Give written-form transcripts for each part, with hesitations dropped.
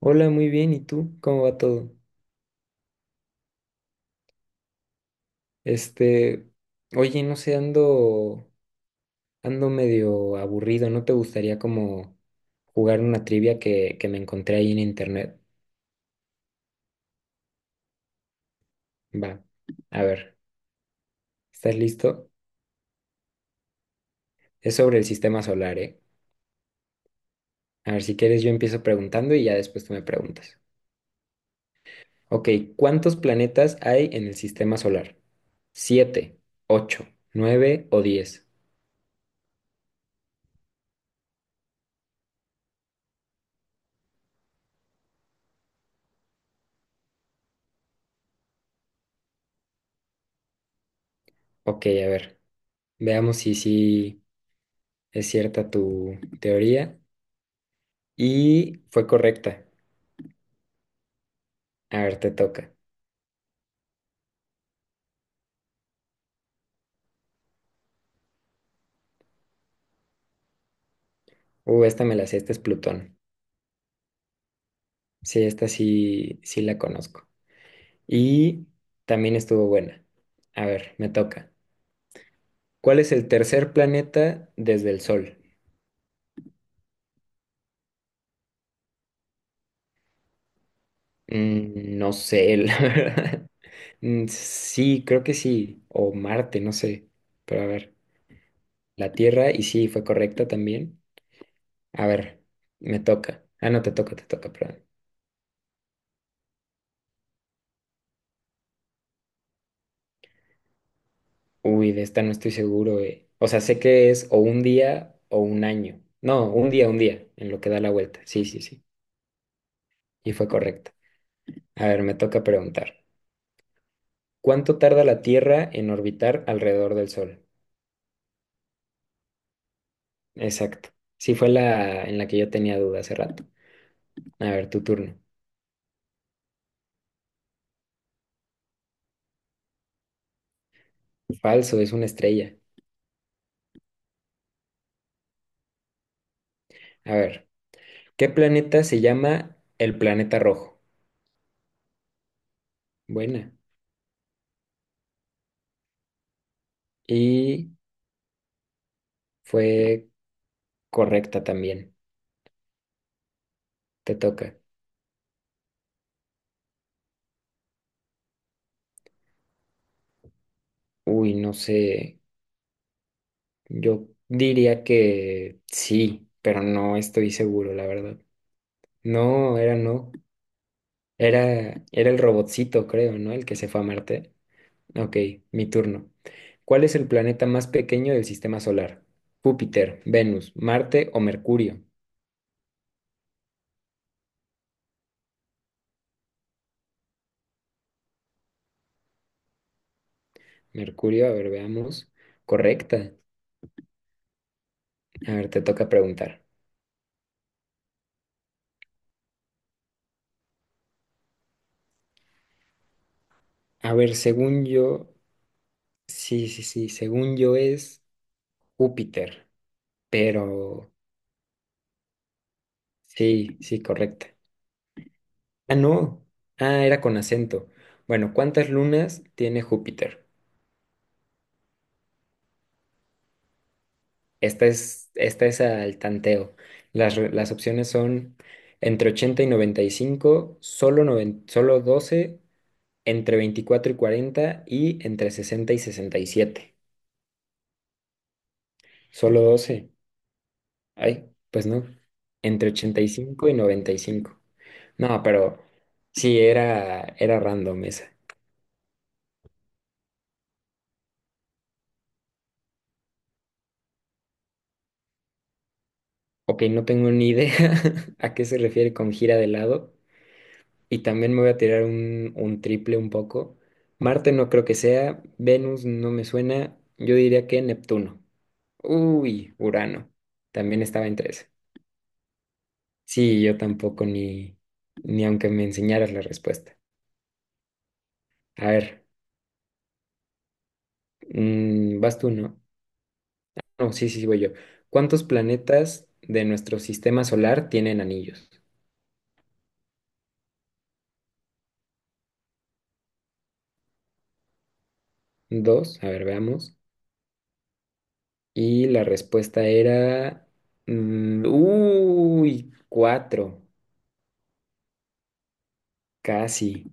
Hola, muy bien. ¿Y tú? ¿Cómo va todo? Este, oye, no sé, ando medio aburrido. ¿No te gustaría como jugar una trivia que me encontré ahí en internet? Va, a ver, ¿estás listo? Es sobre el sistema solar, ¿eh? A ver, si quieres yo empiezo preguntando y ya después tú me preguntas. Ok, ¿cuántos planetas hay en el sistema solar? ¿Siete, ocho, nueve o 10? Ok, a ver, veamos si sí es cierta tu teoría. Y fue correcta. A ver, te toca. Esta me la sé, esta es Plutón. Sí, esta sí, sí la conozco. Y también estuvo buena. A ver, me toca. ¿Cuál es el tercer planeta desde el Sol? Mm, no sé, la verdad. Mm, sí, creo que sí. O Marte, no sé. Pero a ver, la Tierra, y sí, fue correcta también. A ver, me toca. Ah, no, te toca, perdón. Uy, de esta no estoy seguro, eh. O sea, sé que es o un día o un año. No, un día, en lo que da la vuelta. Sí, sí, sí. Y fue correcto. A ver, me toca preguntar. ¿Cuánto tarda la Tierra en orbitar alrededor del Sol? Exacto. Sí, fue la en la que yo tenía duda hace rato. A ver, tu turno. Falso, es una estrella. A ver, ¿qué planeta se llama el planeta rojo? Buena. Y fue correcta también. Te toca. Uy, no sé. Yo diría que sí, pero no estoy seguro, la verdad. No, era no. Era el robotcito, creo, ¿no? El que se fue a Marte. Ok, mi turno. ¿Cuál es el planeta más pequeño del sistema solar? Júpiter, Venus, Marte o Mercurio. Mercurio, a ver, veamos. Correcta. A ver, te toca preguntar. A ver, según yo, sí, sí, sí, según yo es Júpiter, pero sí, sí, correcta. Ah, no. Ah, era con acento. Bueno, ¿cuántas lunas tiene Júpiter? Esta es al tanteo. Las opciones son entre 80 y 95, solo, solo 12, entre 24 y 40 y entre 60 y 67. Solo 12. Ay, pues no. Entre 85 y 95. No, pero sí, era random esa. Ok, no tengo ni idea a qué se refiere con gira de lado. Y también me voy a tirar un triple un poco. Marte no creo que sea, Venus no me suena, yo diría que Neptuno. Uy, Urano. También estaba entre eso. Sí, yo tampoco, ni aunque me enseñaras la respuesta. A ver, vas tú, ¿no? No, sí, sí, sí, voy yo. ¿Cuántos planetas de nuestro sistema solar tienen anillos? Dos, a ver, veamos. Y la respuesta era... uy, cuatro, casi.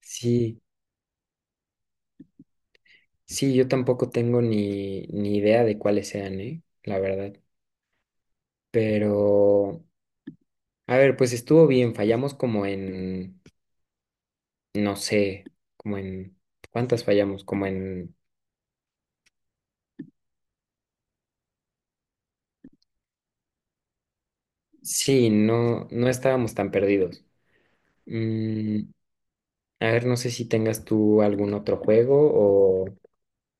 Sí, sí, yo tampoco tengo ni idea de cuáles sean, ¿eh? La verdad. Pero, a ver, pues estuvo bien, fallamos como en, no sé, como en, ¿cuántas fallamos? Como en, sí, no, no estábamos tan perdidos. Mm, a ver, no sé si tengas tú algún otro juego o,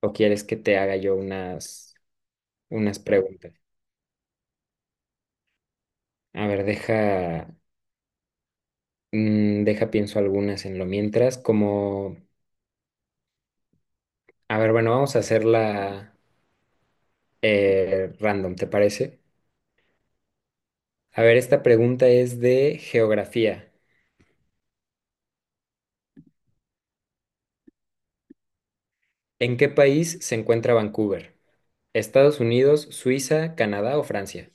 o quieres que te haga yo unas, unas preguntas. A ver, deja pienso algunas en lo mientras, como... A ver, bueno, vamos a hacerla random, ¿te parece? A ver, esta pregunta es de geografía. ¿En qué país se encuentra Vancouver? ¿Estados Unidos, Suiza, Canadá o Francia?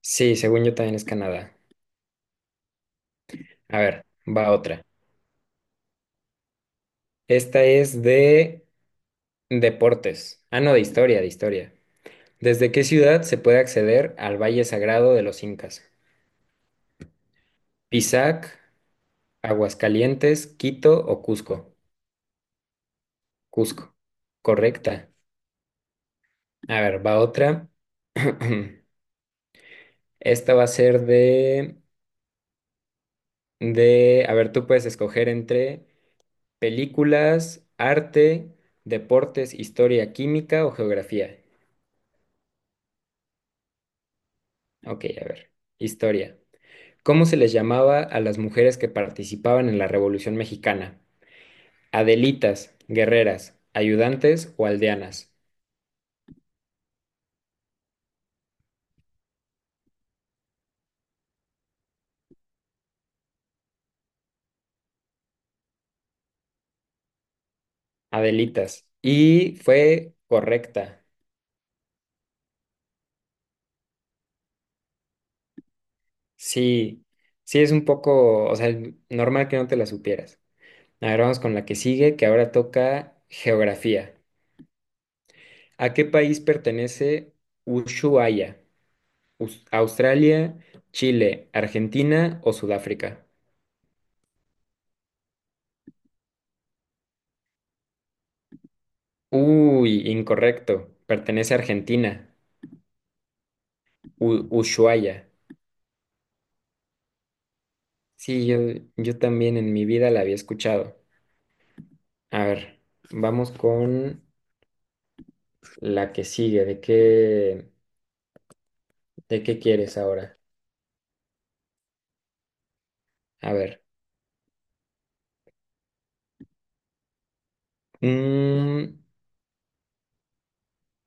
Sí, según yo también es Canadá. A ver, va otra. Esta es de deportes. Ah, no, de historia, de historia. ¿Desde qué ciudad se puede acceder al Valle Sagrado de los Incas? ¿Pisac, Aguascalientes, Quito o Cusco? Cusco. Correcta. A ver, va otra. Esta va a ser a ver, tú puedes escoger entre películas, arte, deportes, historia, química o geografía. Ok, a ver, historia. ¿Cómo se les llamaba a las mujeres que participaban en la Revolución Mexicana? Adelitas, guerreras, ayudantes o aldeanas. Adelitas. Y fue correcta. Sí, sí es un poco, o sea, normal que no te la supieras. A ver, vamos con la que sigue, que ahora toca geografía. ¿A qué país pertenece Ushuaia? ¿Australia, Chile, Argentina o Sudáfrica? Uy, incorrecto. Pertenece a Argentina. Ushuaia. Sí, yo también en mi vida la había escuchado. A ver, vamos con la que sigue. ¿De qué quieres ahora? A ver. mm,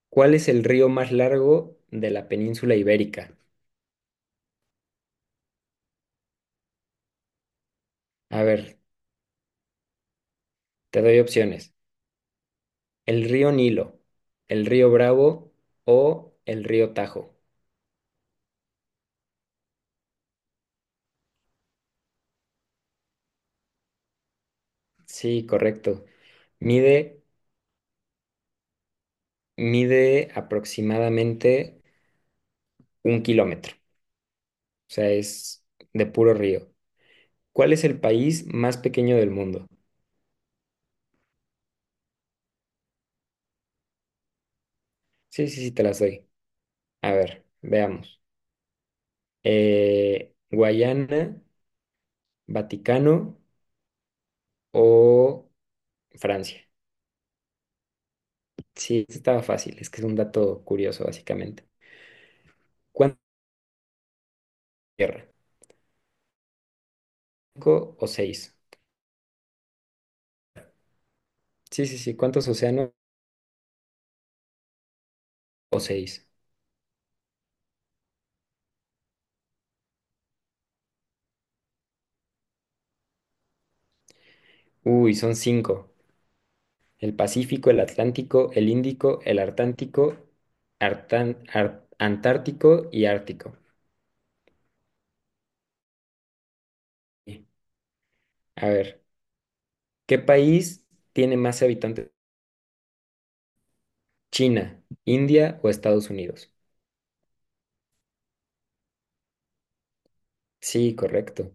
¿Cuál es el río más largo de la península ibérica? A ver, te doy opciones. El río Nilo, el río Bravo o el río Tajo. Sí, correcto. Mide, mide aproximadamente 1 km. O sea, es de puro río. ¿Cuál es el país más pequeño del mundo? Sí, sí, sí, te las doy. A ver, veamos. Guayana, Vaticano o Francia. Sí, estaba fácil. Es que es un dato curioso, básicamente. ¿Cuánta tierra? ¿Cinco o seis? Sí, sí, sí. ¿Cuántos océanos o seis? Uy, son cinco. El Pacífico, el Atlántico, el Índico, el Artántico, Antártico y Ártico. Sí. A ver, ¿qué país tiene más habitantes? ¿China, India o Estados Unidos? Sí, correcto.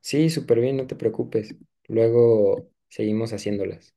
Sí, súper bien, no te preocupes. Luego seguimos haciéndolas.